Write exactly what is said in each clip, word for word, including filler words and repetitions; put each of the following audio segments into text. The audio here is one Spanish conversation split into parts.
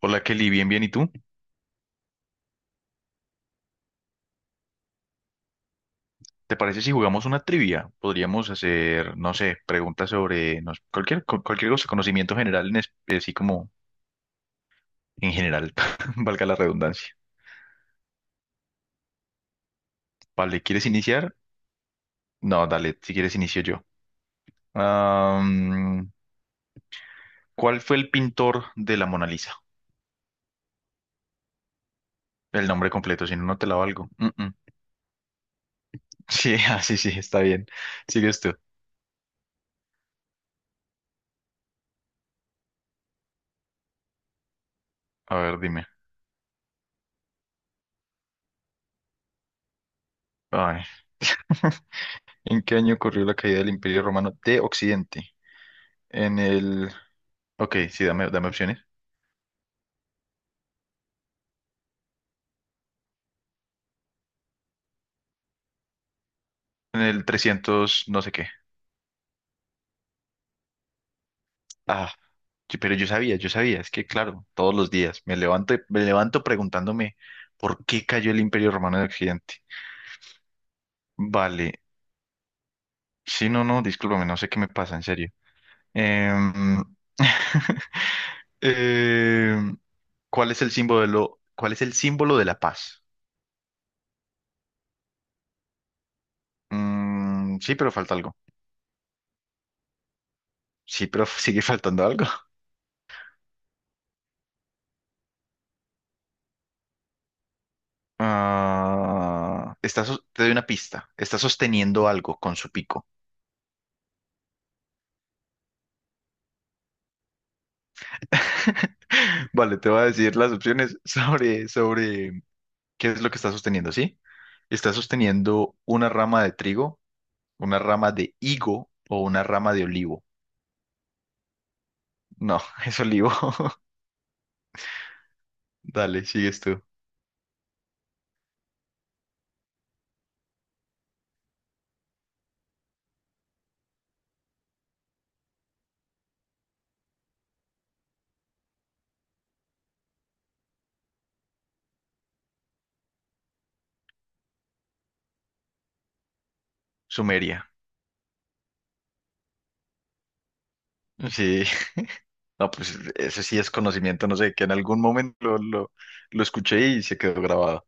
Hola Kelly, bien, bien. ¿Y tú? ¿Te parece si jugamos una trivia? Podríamos hacer, no sé, preguntas sobre no sé, cualquier, cu- cualquier cosa, conocimiento general, en es- así como en general, valga la redundancia. Vale, ¿quieres iniciar? No, dale, si quieres inicio yo. Am, ¿cuál fue el pintor de la Mona Lisa? El nombre completo, si no, no te la valgo. Mm, mm. Sí, ah, sí, sí, está bien. Sigues tú. A ver, dime. Ay. ¿En qué año ocurrió la caída del Imperio Romano de Occidente? En el Ok, sí, dame, dame opciones. En el trescientos, no sé qué. Ah, yo- pero yo sabía, yo sabía. Es que, claro, todos los días me levanto, y- me levanto preguntándome por qué cayó el Imperio Romano en Occidente. Vale. Sí, no, no, discúlpame, no sé qué me pasa, en serio. Em, em, ¿cuál es el símbolo, cuál es el símbolo de la paz? Mm, sí, pero falta algo. Sí, pero sigue faltando algo. Ah, está sos- te doy una pista. Está sosteniendo algo con su pico. Vale, te voy a decir las opciones sobre, sobre qué es lo que está sosteniendo, ¿sí? Está sosteniendo una rama de trigo, una rama de higo o una rama de olivo. No, es olivo. Dale, sigues tú. Sumeria. Sí, no, pues ese sí es conocimiento, no sé, que en algún momento lo, lo, lo escuché y se quedó grabado.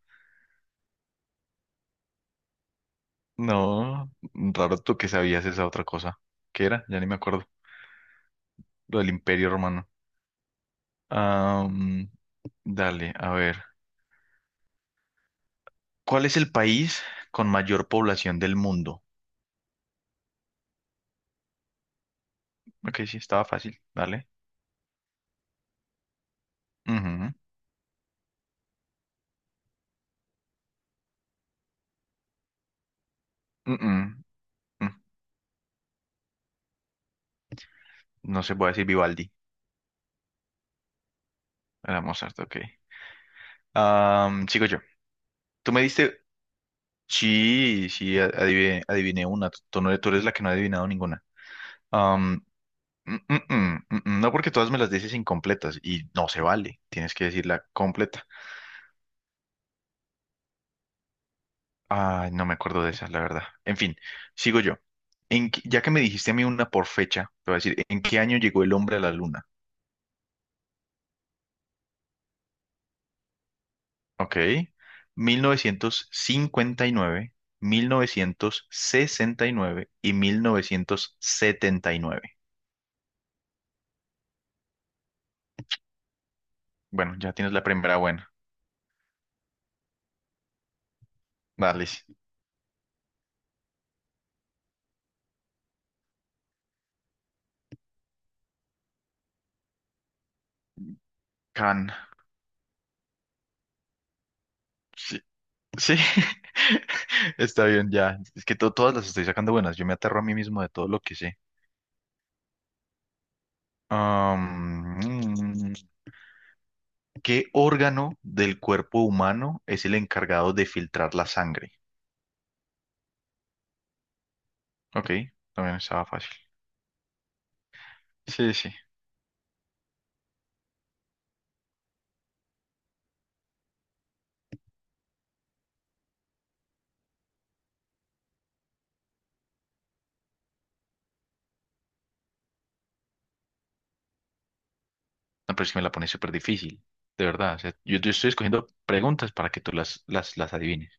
No, raro tú que sabías esa otra cosa. ¿Qué era? Ya ni me acuerdo. Lo del Imperio Romano. Ah, mm, dale, a ver. ¿Cuál es el país con mayor población del mundo? Ok, sí, estaba fácil. Dale. Ujú. Mm, mm, mm. No se puede decir Vivaldi. Era Mozart, ok. Ah, mm, sigo yo. Tú me diste. Sí, sí, adiviné, adiviné una. Tú, tú no- tú eres la que no ha adivinado ninguna. Mm, mm, mm, mm, mm. No porque todas me las dices incompletas y no se vale, tienes que decirla completa. Ay, no me acuerdo de esas, la verdad. En fin, sigo yo. En qué- ya que me dijiste a mí una por fecha, te voy a decir, ¿en qué año llegó el hombre a la luna? Ok, Mil novecientos cincuenta y nueve, nueve mil mil novecientos novecientos sesenta y y y mil novecientos setenta y nueve. Bueno, ya tienes la primera buena. Dale, Can. Sí, sí, está bien, ya. Es que to- todas las estoy sacando buenas. Yo me aterro a mí mismo de todo lo que sé. Am, mm, ¿qué órgano del cuerpo humano es el encargado de filtrar la sangre? Ok, también estaba fácil. Sí, sí. No, pero es que me la pone súper difícil, de verdad. O sea, yo, yo estoy escogiendo preguntas para que tú las, las, las adivines,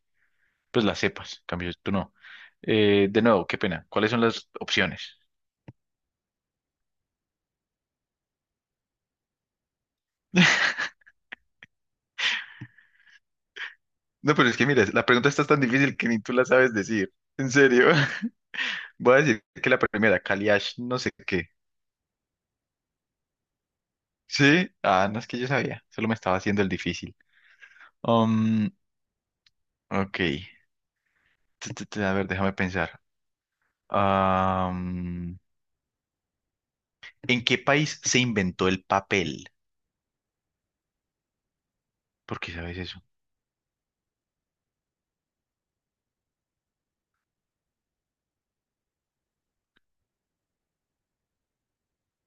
pues las sepas. En cambio, tú no. Eh, de nuevo, qué pena. ¿Cuáles son las opciones? No, pero es que mira, la pregunta está tan difícil que ni tú la sabes decir. En serio. Voy a decir que la primera, Kaliash, no sé qué. Sí, ah, no es que yo sabía, solo me estaba haciendo el difícil. Um, ok, Tu, tu, tu, a ver, déjame pensar. Am, ¿en qué país se inventó el papel? ¿Por qué sabes eso?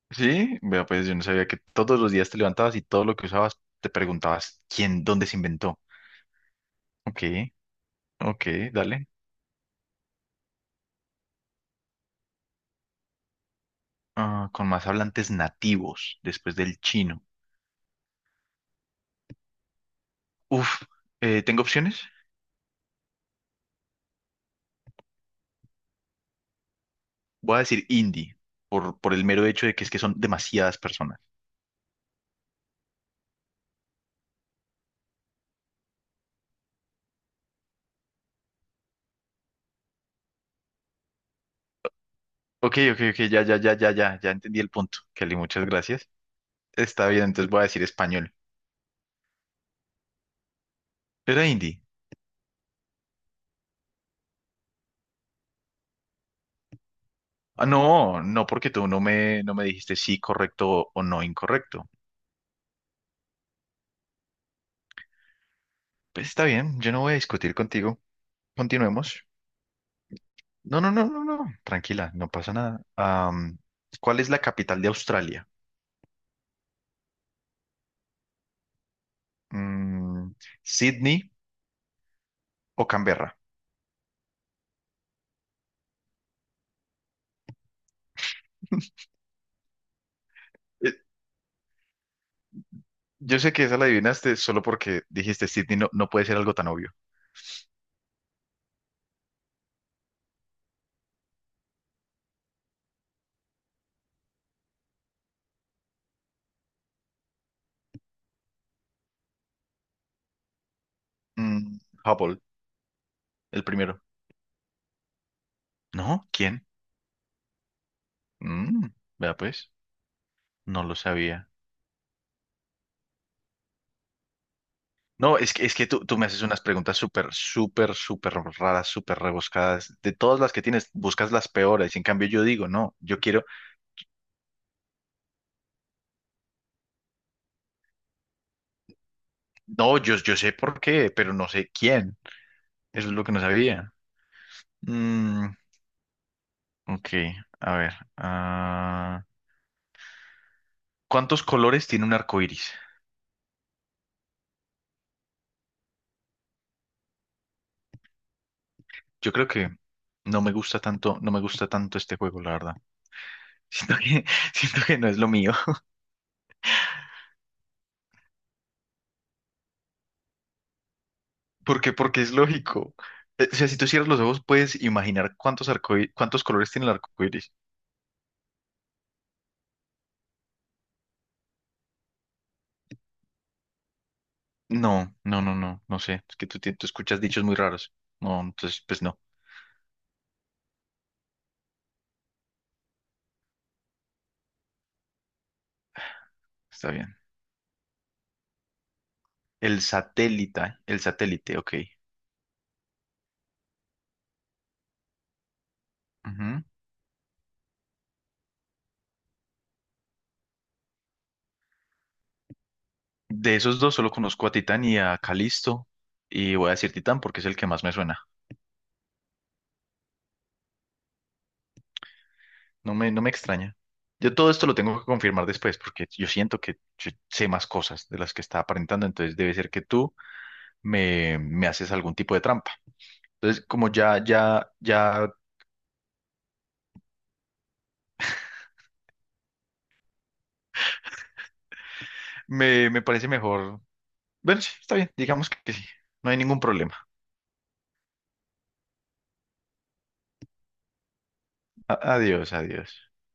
Sí, vea, pues yo no sabía que todos los días te levantabas y todo lo que usabas te preguntabas quién, dónde se inventó. Ok, ok, dale. Ah, con más hablantes nativos después del chino. Uf, eh, ¿tengo opciones? Voy a decir indie, por, por el mero hecho de que es que son demasiadas personas. Ok, ok, ok, ya, ya, ya, ya, ya, ya entendí el punto. Kelly, muchas gracias. Está bien, entonces voy a decir español. Era indie. Ah, no, no, porque tú no me, no me dijiste sí, correcto o o no incorrecto. Pues está bien, yo no voy a discutir contigo. Continuemos. No, no, no, no, no. Tranquila, no pasa nada. Am, ¿cuál es la capital de Australia? Mm, ¿Sydney o Canberra? Yo sé que esa la adivinaste solo porque dijiste Sydney no, no puede ser algo tan obvio. Mm, Hubble, el primero. ¿No? ¿Quién? Mm, vea pues, no lo sabía. No, es que, es que tú, tú me haces unas preguntas súper, súper, súper raras, súper rebuscadas. De todas las que tienes, buscas las peores. En cambio, yo digo, no, yo quiero. No, yo, yo sé por qué, pero no sé quién. Eso es lo que no sabía. Mm, ok, a ver. Ah, ¿cuántos colores tiene un arco iris? Yo creo que no me gusta tanto, no me gusta tanto este juego, la verdad. Siento que, siento que no es lo mío. ¿Por qué? Porque es lógico. Eh, O sea, si tú cierras los ojos, puedes imaginar cuántos arcoí, cuántos colores tiene el arco iris. No, no, no, no, no sé. Es que tú, ti- tú escuchas dichos muy raros. No, entonces, pues no. Está bien. El satélite, el satélite, ok. Ujú. De esos dos solo conozco a Titán y a Calisto. Y voy a decir Titán porque es el que más me suena. No me, no me extraña. Yo todo esto lo tengo que confirmar después porque yo siento que yo sé más cosas de las que está aparentando, entonces debe ser que tú me, me haces algún tipo de trampa. Entonces, como ya, ya, ya me, me parece mejor. Bueno, sí, está bien, digamos que sí, no hay ningún problema. A- adiós, adiós.